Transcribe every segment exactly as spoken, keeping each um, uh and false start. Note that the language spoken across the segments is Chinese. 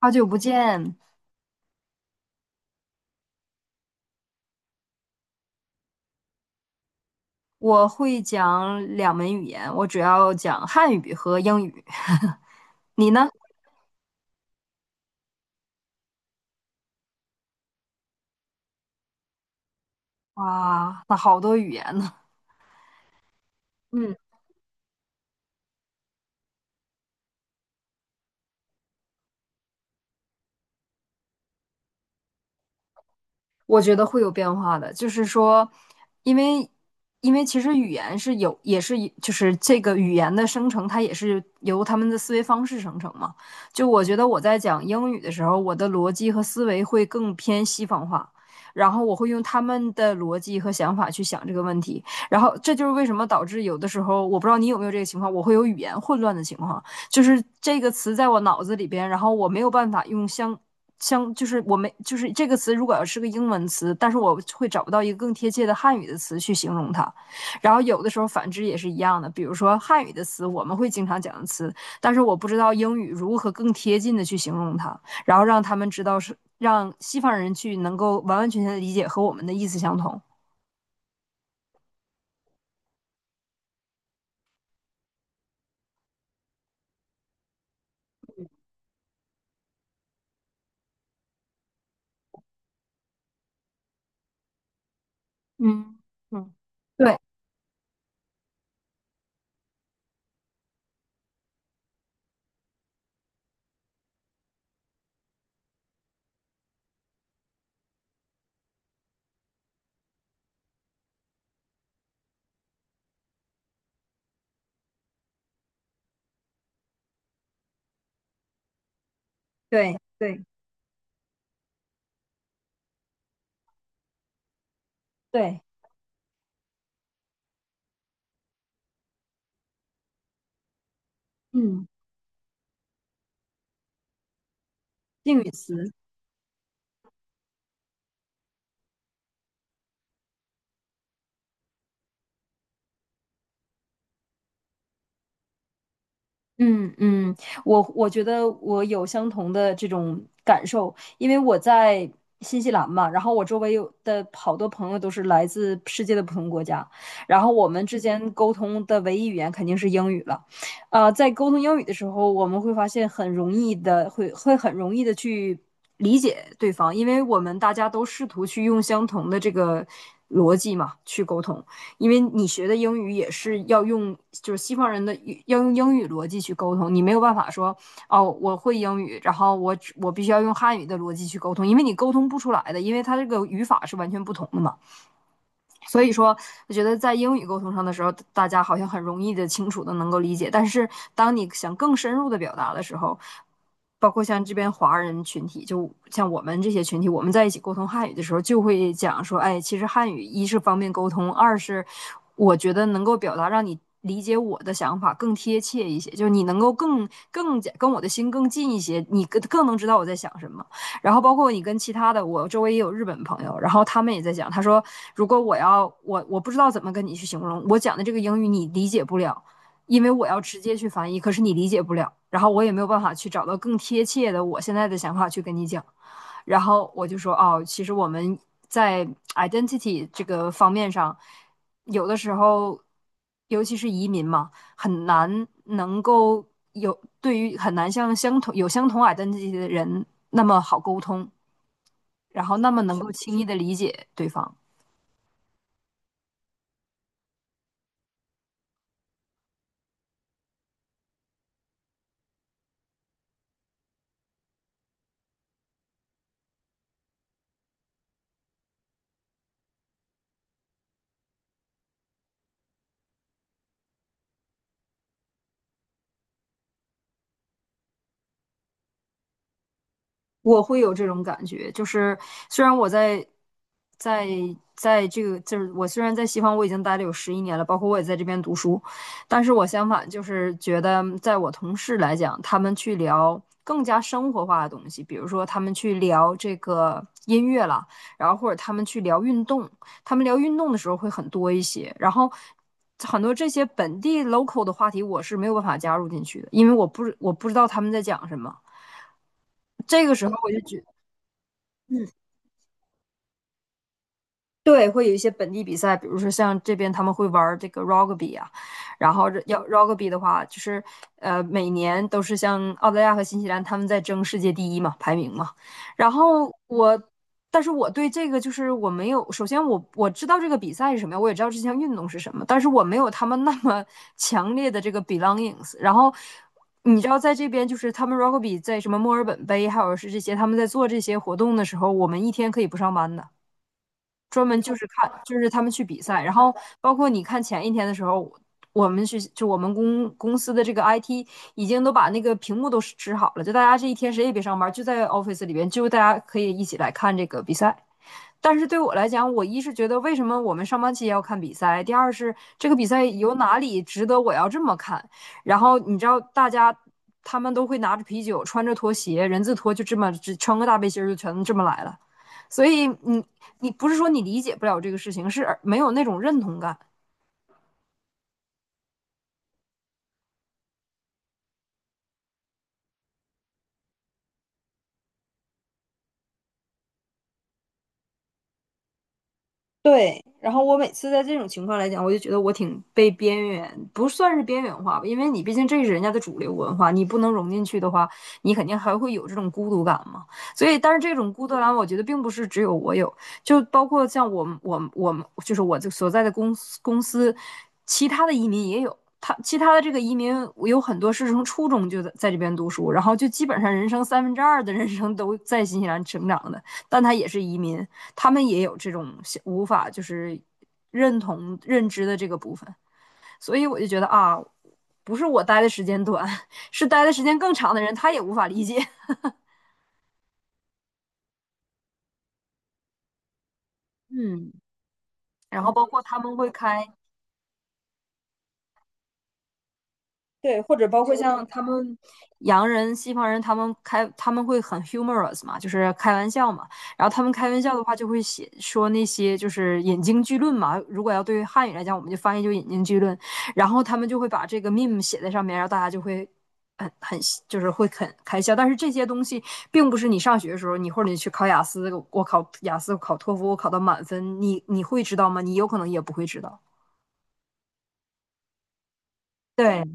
好久不见，我会讲两门语言，我主要讲汉语和英语。你呢？哇，那好多语言呢。嗯，我觉得会有变化的，就是说，因为因为其实语言是有，也是就是这个语言的生成，它也是由他们的思维方式生成嘛。就我觉得我在讲英语的时候，我的逻辑和思维会更偏西方化，然后我会用他们的逻辑和想法去想这个问题，然后这就是为什么导致有的时候，我不知道你有没有这个情况，我会有语言混乱的情况，就是这个词在我脑子里边，然后我没有办法用相像就是我们就是这个词，如果要是个英文词，但是我会找不到一个更贴切的汉语的词去形容它。然后有的时候反之也是一样的，比如说汉语的词我们会经常讲的词，但是我不知道英语如何更贴近的去形容它，然后让他们知道是让西方人去能够完完全全的理解和我们的意思相同。嗯嗯，对对对对，嗯，定语词。嗯嗯，我我觉得我有相同的这种感受，因为我在新西兰嘛，然后我周围有的好多朋友都是来自世界的不同国家，然后我们之间沟通的唯一语言肯定是英语了，呃，在沟通英语的时候，我们会发现很容易的会会很容易的去理解对方，因为我们大家都试图去用相同的这个逻辑嘛去沟通。因为你学的英语也是要用，就是西方人的要用英语逻辑去沟通，你没有办法说哦，我会英语，然后我我必须要用汉语的逻辑去沟通，因为你沟通不出来的，因为它这个语法是完全不同的嘛。所以说，我觉得在英语沟通上的时候，大家好像很容易的、清楚的能够理解。但是，当你想更深入的表达的时候，包括像这边华人群体，就像我们这些群体，我们在一起沟通汉语的时候，就会讲说，哎，其实汉语一是方便沟通，二是我觉得能够表达让你理解我的想法更贴切一些，就是你能够更更加跟我的心更近一些，你更更能知道我在想什么。然后包括你跟其他的，我周围也有日本朋友，然后他们也在讲，他说如果我要我我不知道怎么跟你去形容我讲的这个英语你理解不了，因为我要直接去翻译，可是你理解不了，然后我也没有办法去找到更贴切的我现在的想法去跟你讲。然后我就说，哦，其实我们在 identity 这个方面上，有的时候，尤其是移民嘛，很难能够有对于很难像相同有相同 identity 的人那么好沟通，然后那么能够轻易的理解对方。我会有这种感觉，就是虽然我在在在这个，就是我虽然在西方我已经待了有十一年了，包括我也在这边读书，但是我相反就是觉得，在我同事来讲，他们去聊更加生活化的东西，比如说他们去聊这个音乐啦，然后或者他们去聊运动，他们聊运动的时候会很多一些，然后。很多这些本地 local 的话题，我是没有办法加入进去的，因为我不我不知道他们在讲什么。这个时候我就觉，对，会有一些本地比赛，比如说像这边他们会玩儿这个 rugby 啊，然后这要 rugby 的话，就是呃每年都是像澳大利亚和新西兰他们在争世界第一嘛，排名嘛。然后我，但是我对这个就是我没有，首先我我知道这个比赛是什么样，我也知道这项运动是什么，但是我没有他们那么 强烈的这个 belongings。然后你知道，在这边就是他们 rugby 在什么墨尔本杯，还有是这些他们在做这些活动的时候，我们一天可以不上班的。专门就是看，就是他们去比赛，然后包括你看前一天的时候，我们去就我们公公司的这个 I T 已经都把那个屏幕都支好了，就大家这一天谁也别上班，就在 office 里边，就大家可以一起来看这个比赛。但是对我来讲，我一是觉得为什么我们上班期要看比赛，第二是这个比赛有哪里值得我要这么看。然后你知道，大家他们都会拿着啤酒，穿着拖鞋，人字拖，就这么只穿个大背心就全这么来了。所以你你不是说你理解不了这个事情，是没有那种认同感。对，然后我每次在这种情况来讲，我就觉得我挺被边缘，不算是边缘化吧，因为你毕竟这是人家的主流文化，你不能融进去的话，你肯定还会有这种孤独感嘛。所以，但是这种孤独感，我觉得并不是只有我有，就包括像我们、我们、我们，就是我就所在的公司公司，其他的移民也有。他其他的这个移民，我有很多是从初中就在在这边读书，然后就基本上人生三分之二的人生都在新西兰成长的。但他也是移民，他们也有这种无法就是认同认知的这个部分，所以我就觉得啊，不是我待的时间短，是待的时间更长的人他也无法理解。嗯，然后包括他们会开对，或者包括像他们洋人、西方人，他们开他们会很 humorous 嘛，就是开玩笑嘛。然后他们开玩笑的话，就会写说那些就是引经据论嘛。如果要对于汉语来讲，我们就翻译就引经据论。然后他们就会把这个 meme 写在上面，然后大家就会很很就是会很开笑。但是这些东西并不是你上学的时候，你或者你去考雅思，我考雅思，我考托福，我考到满分，你你会知道吗？你有可能也不会知道。对。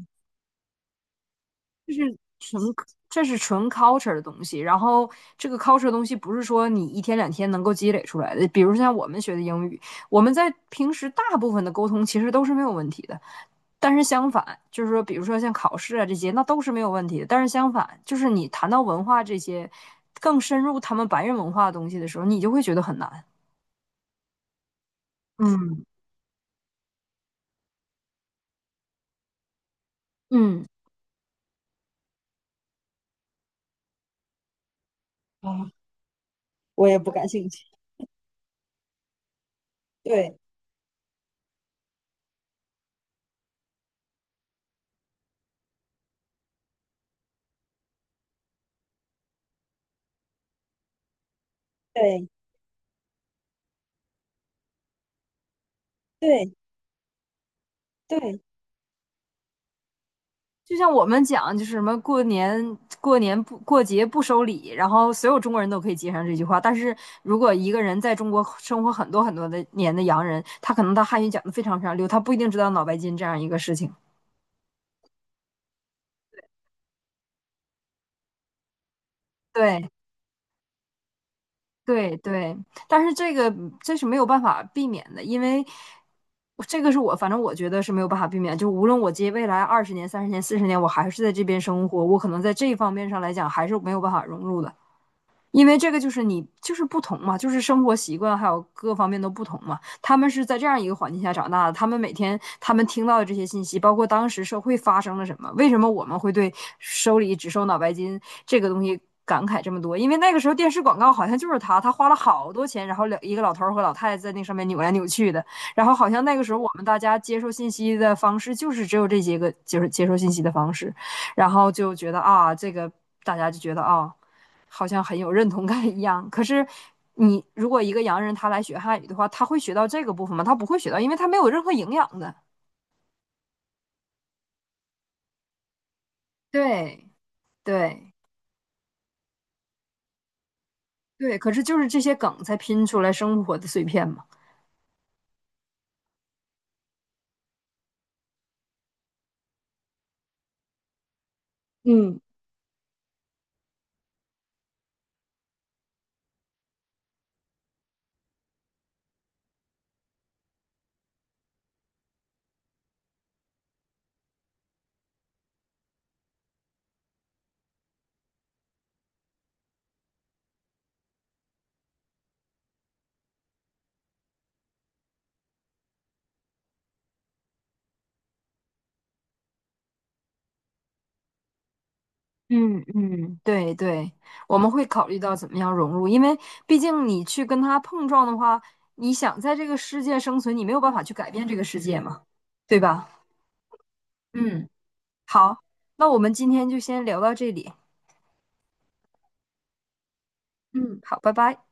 是纯，这是纯 culture 的东西。然后这个 culture 的东西不是说你一天两天能够积累出来的。比如像我们学的英语，我们在平时大部分的沟通其实都是没有问题的。但是相反，就是说，比如说像考试啊这些，那都是没有问题的。但是相反，就是你谈到文化这些更深入他们白人文化的东西的时候，你就会觉得很难。嗯嗯。啊，我也不感兴趣。对对对对，就像我们讲，就是什么过年过年不过节不收礼，然后所有中国人都可以接上这句话。但是如果一个人在中国生活很多很多的年的洋人，他可能他汉语讲的非常非常溜，他不一定知道脑白金这样一个事情。对对对，但是这个这是没有办法避免的，因为这个是我反正我觉得是没有办法避免，就无论我接未来二十年、三十年、四十年，我还是在这边生活，我可能在这一方面上来讲还是没有办法融入的。因为这个就是你就是不同嘛，就是生活习惯还有各方面都不同嘛。他们是在这样一个环境下长大的，他们每天他们听到的这些信息，包括当时社会发生了什么，为什么我们会对手里只收脑白金这个东西感慨这么多？因为那个时候电视广告好像就是他，他花了好多钱，然后两一个老头和老太太在那上面扭来扭去的，然后好像那个时候我们大家接受信息的方式就是只有这些个，就是接受信息的方式，然后就觉得啊，这个大家就觉得啊。好像很有认同感一样。可是你如果一个洋人他来学汉语的话，他会学到这个部分吗？他不会学到，因为他没有任何营养的。对对对，可是就是这些梗才拼出来生活的碎片嘛。嗯嗯，嗯，对对，我们会考虑到怎么样融入，因为毕竟你去跟他碰撞的话，你想在这个世界生存，你没有办法去改变这个世界嘛，对吧？嗯好，那我们今天就先聊到这里。嗯，好，拜拜。